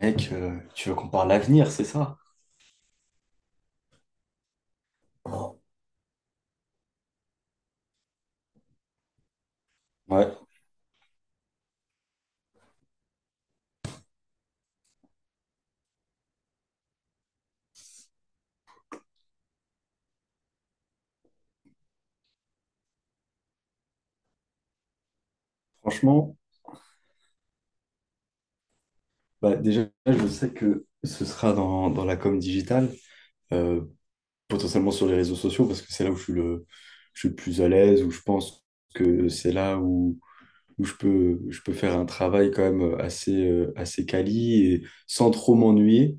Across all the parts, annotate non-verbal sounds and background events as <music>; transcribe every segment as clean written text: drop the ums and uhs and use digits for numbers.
Mec, tu veux qu'on parle l'avenir, c'est ça? Ouais, franchement, bah déjà, je sais que ce sera dans la com digitale, euh, potentiellement sur les réseaux sociaux, parce que c'est là où je suis le plus à l'aise, où je pense que c'est là où je peux faire un travail quand même assez, assez quali et sans trop m'ennuyer.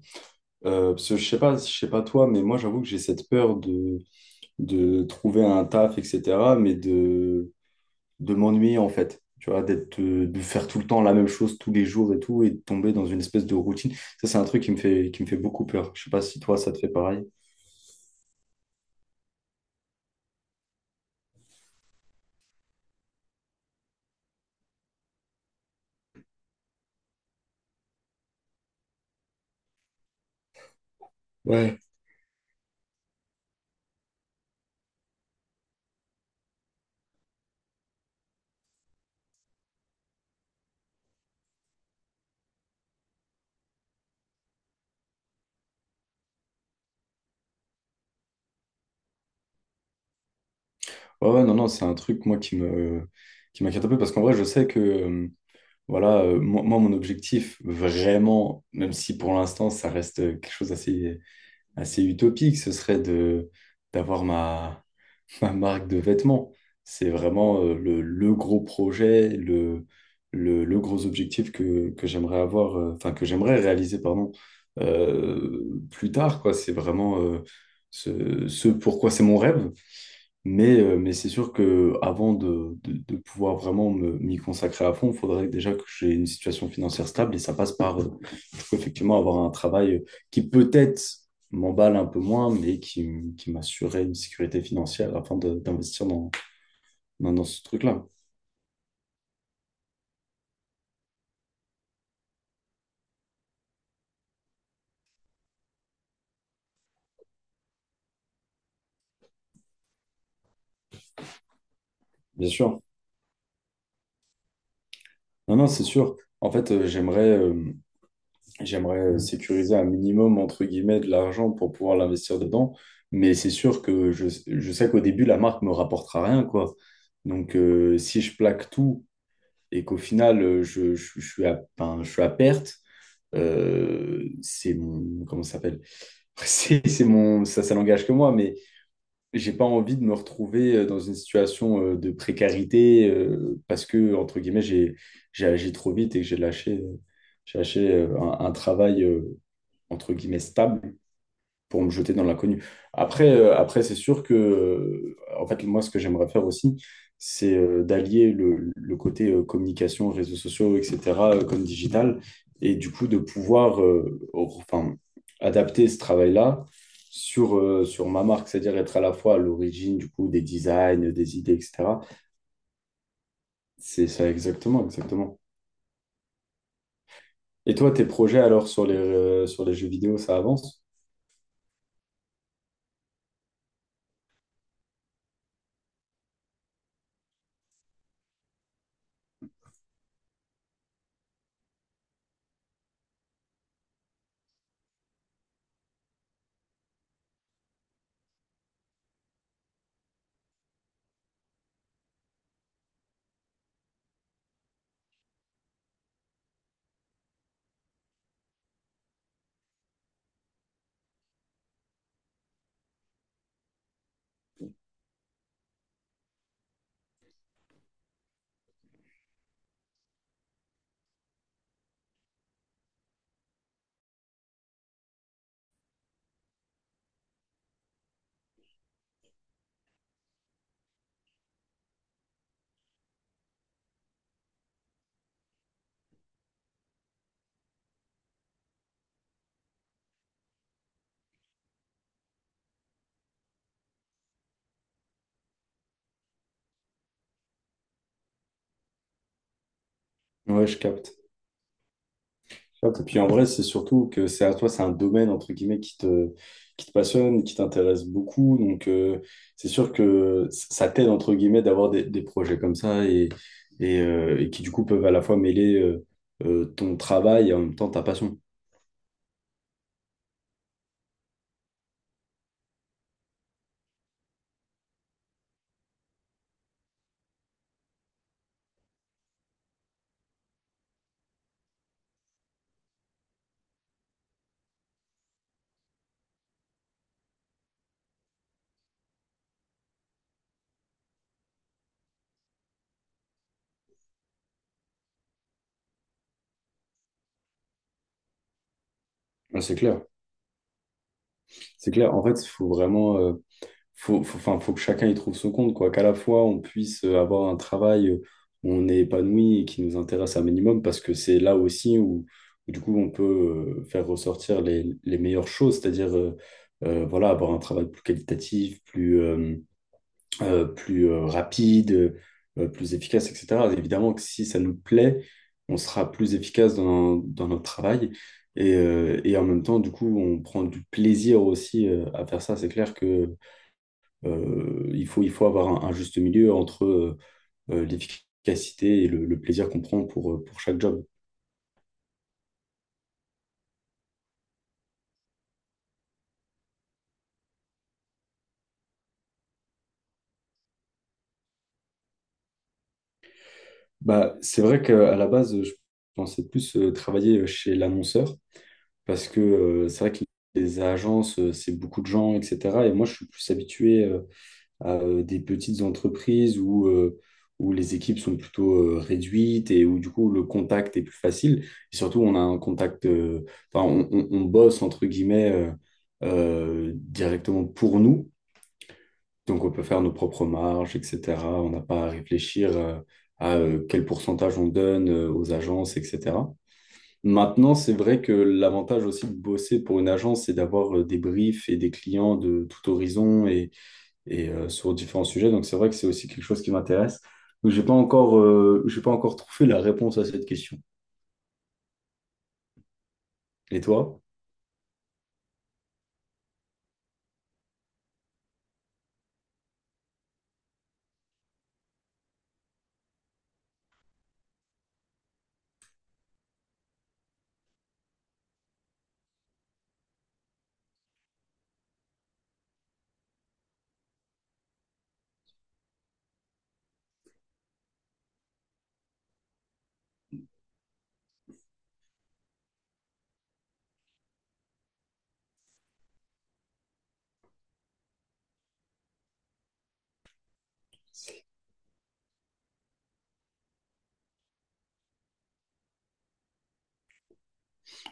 Parce que je sais pas toi, mais moi, j'avoue que j'ai cette peur de trouver un taf, etc., mais de m'ennuyer en fait. Tu vois, d'être, de faire tout le temps la même chose tous les jours et tout, et de tomber dans une espèce de routine. Ça, c'est un truc qui me fait beaucoup peur. Je sais pas si toi, ça te fait pareil. Ouais, ouais, ouais, non, non, c'est un truc, moi, qui m'inquiète un peu parce qu'en vrai, je sais que, voilà, euh, mon objectif, vraiment, même si pour l'instant, ça reste quelque chose d'assez assez utopique, ce serait de d'avoir ma, ma marque de vêtements. C'est vraiment le gros projet, le gros objectif que j'aimerais avoir, enfin que j'aimerais réaliser, pardon, euh, plus tard, quoi. C'est vraiment ce pourquoi c'est mon rêve. Mais c'est sûr que avant de pouvoir vraiment m'y consacrer à fond, il faudrait déjà que j'ai une situation financière stable et ça passe par peux effectivement avoir un travail qui peut-être m'emballe un peu moins, qui m'assurait une sécurité financière afin de- d'investir dans ce truc-là. Bien sûr. Non, non, c'est sûr. En fait, j'aimerais sécuriser un minimum, entre guillemets, de l'argent pour pouvoir l'investir dedans. Mais c'est sûr que je sais qu'au début, la marque me rapportera rien, quoi. Donc, si je plaque tout et qu'au final, je suis à, ben, je suis à perte, c'est mon, comment ça s'appelle? <laughs> C'est mon, ça n'engage que moi, mais j'ai pas envie de me retrouver dans une situation de précarité parce que, entre guillemets, j'ai agi trop vite et que j'ai lâché un travail, entre guillemets, stable pour me jeter dans l'inconnu. Après, après c'est sûr que, en fait, moi, ce que j'aimerais faire aussi, c'est d'allier le côté communication, réseaux sociaux, etc., comme digital, et du coup, de pouvoir enfin, adapter ce travail-là sur, sur ma marque, c'est-à-dire être à la fois à l'origine, du coup, des designs, des idées, etc. C'est ça, exactement, exactement. Et toi, tes projets, alors, sur les jeux vidéo, ça avance? Ouais, je capte. Tu vois, et puis en vrai, c'est surtout que c'est à toi, c'est un domaine entre guillemets qui te passionne, qui t'intéresse beaucoup. Donc c'est sûr que ça t'aide entre guillemets d'avoir des projets comme ça et, et qui du coup peuvent à la fois mêler ton travail et en même temps ta passion. Ouais, c'est clair, c'est clair. En fait, il faut vraiment. Faut, enfin, faut que chacun y trouve son compte, quoi. Qu'à la fois, on puisse avoir un travail où on est épanoui et qui nous intéresse un minimum, parce que c'est là aussi où, du coup, on peut faire ressortir les meilleures choses, c'est-à-dire, voilà, avoir un travail plus qualitatif, plus rapide, plus efficace, etc. Évidemment que si ça nous plaît, on sera plus efficace dans notre travail. Et en même temps, du coup, on prend du plaisir aussi à faire ça. C'est clair que il faut avoir un juste milieu entre l'efficacité et le plaisir qu'on prend pour chaque job. Bah, c'est vrai qu'à la base, je pensais plus travailler chez l'annonceur parce que c'est vrai que les agences, c'est beaucoup de gens, etc. Et moi, je suis plus habitué à des petites entreprises où les équipes sont plutôt réduites et où du coup le contact est plus facile. Et surtout, on a un contact, enfin, on bosse entre guillemets directement pour nous. Donc, on peut faire nos propres marges, etc. On n'a pas à réfléchir à quel pourcentage on donne aux agences, etc. Maintenant, c'est vrai que l'avantage aussi de bosser pour une agence, c'est d'avoir des briefs et des clients de tout horizon sur différents sujets. Donc c'est vrai que c'est aussi quelque chose qui m'intéresse. Donc j'ai pas encore trouvé la réponse à cette question. Et toi?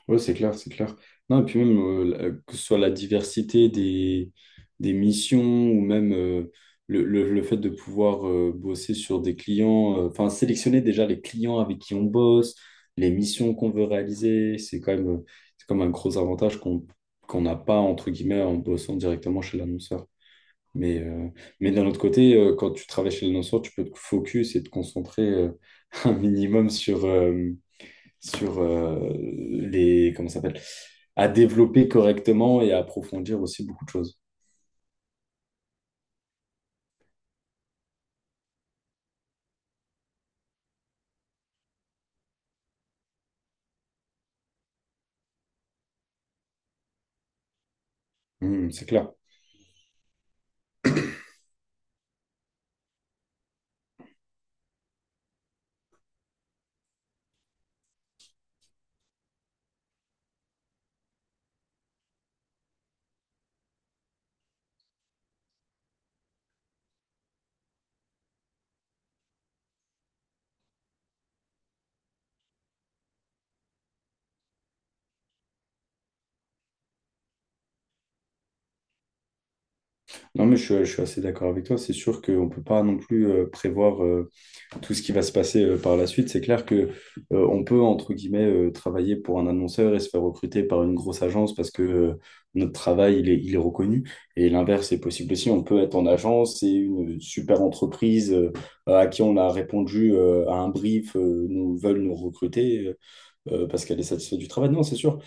Oui, c'est clair, c'est clair. Non, et puis même, que ce soit la diversité des missions ou même le fait de pouvoir bosser sur des clients, enfin, sélectionner déjà les clients avec qui on bosse, les missions qu'on veut réaliser, c'est quand même un gros avantage qu'on n'a pas, entre guillemets, en bossant directement chez l'annonceur. Mais, euh, mais d'un autre côté, quand tu travailles chez le l'annonceur, tu peux te focus et te concentrer <laughs> un minimum sur, les... Comment ça s'appelle? À développer correctement et à approfondir aussi beaucoup de choses. Hmm, c'est clair. Non, mais je suis assez d'accord avec toi. C'est sûr qu'on ne peut pas non plus prévoir tout ce qui va se passer par la suite. C'est clair que on peut entre guillemets travailler pour un annonceur et se faire recruter par une grosse agence parce que notre travail il est reconnu. Et l'inverse est possible aussi. On peut être en agence et une super entreprise à qui on a répondu à un brief nous veulent nous recruter parce qu'elle est satisfaite du travail. Non, c'est sûr.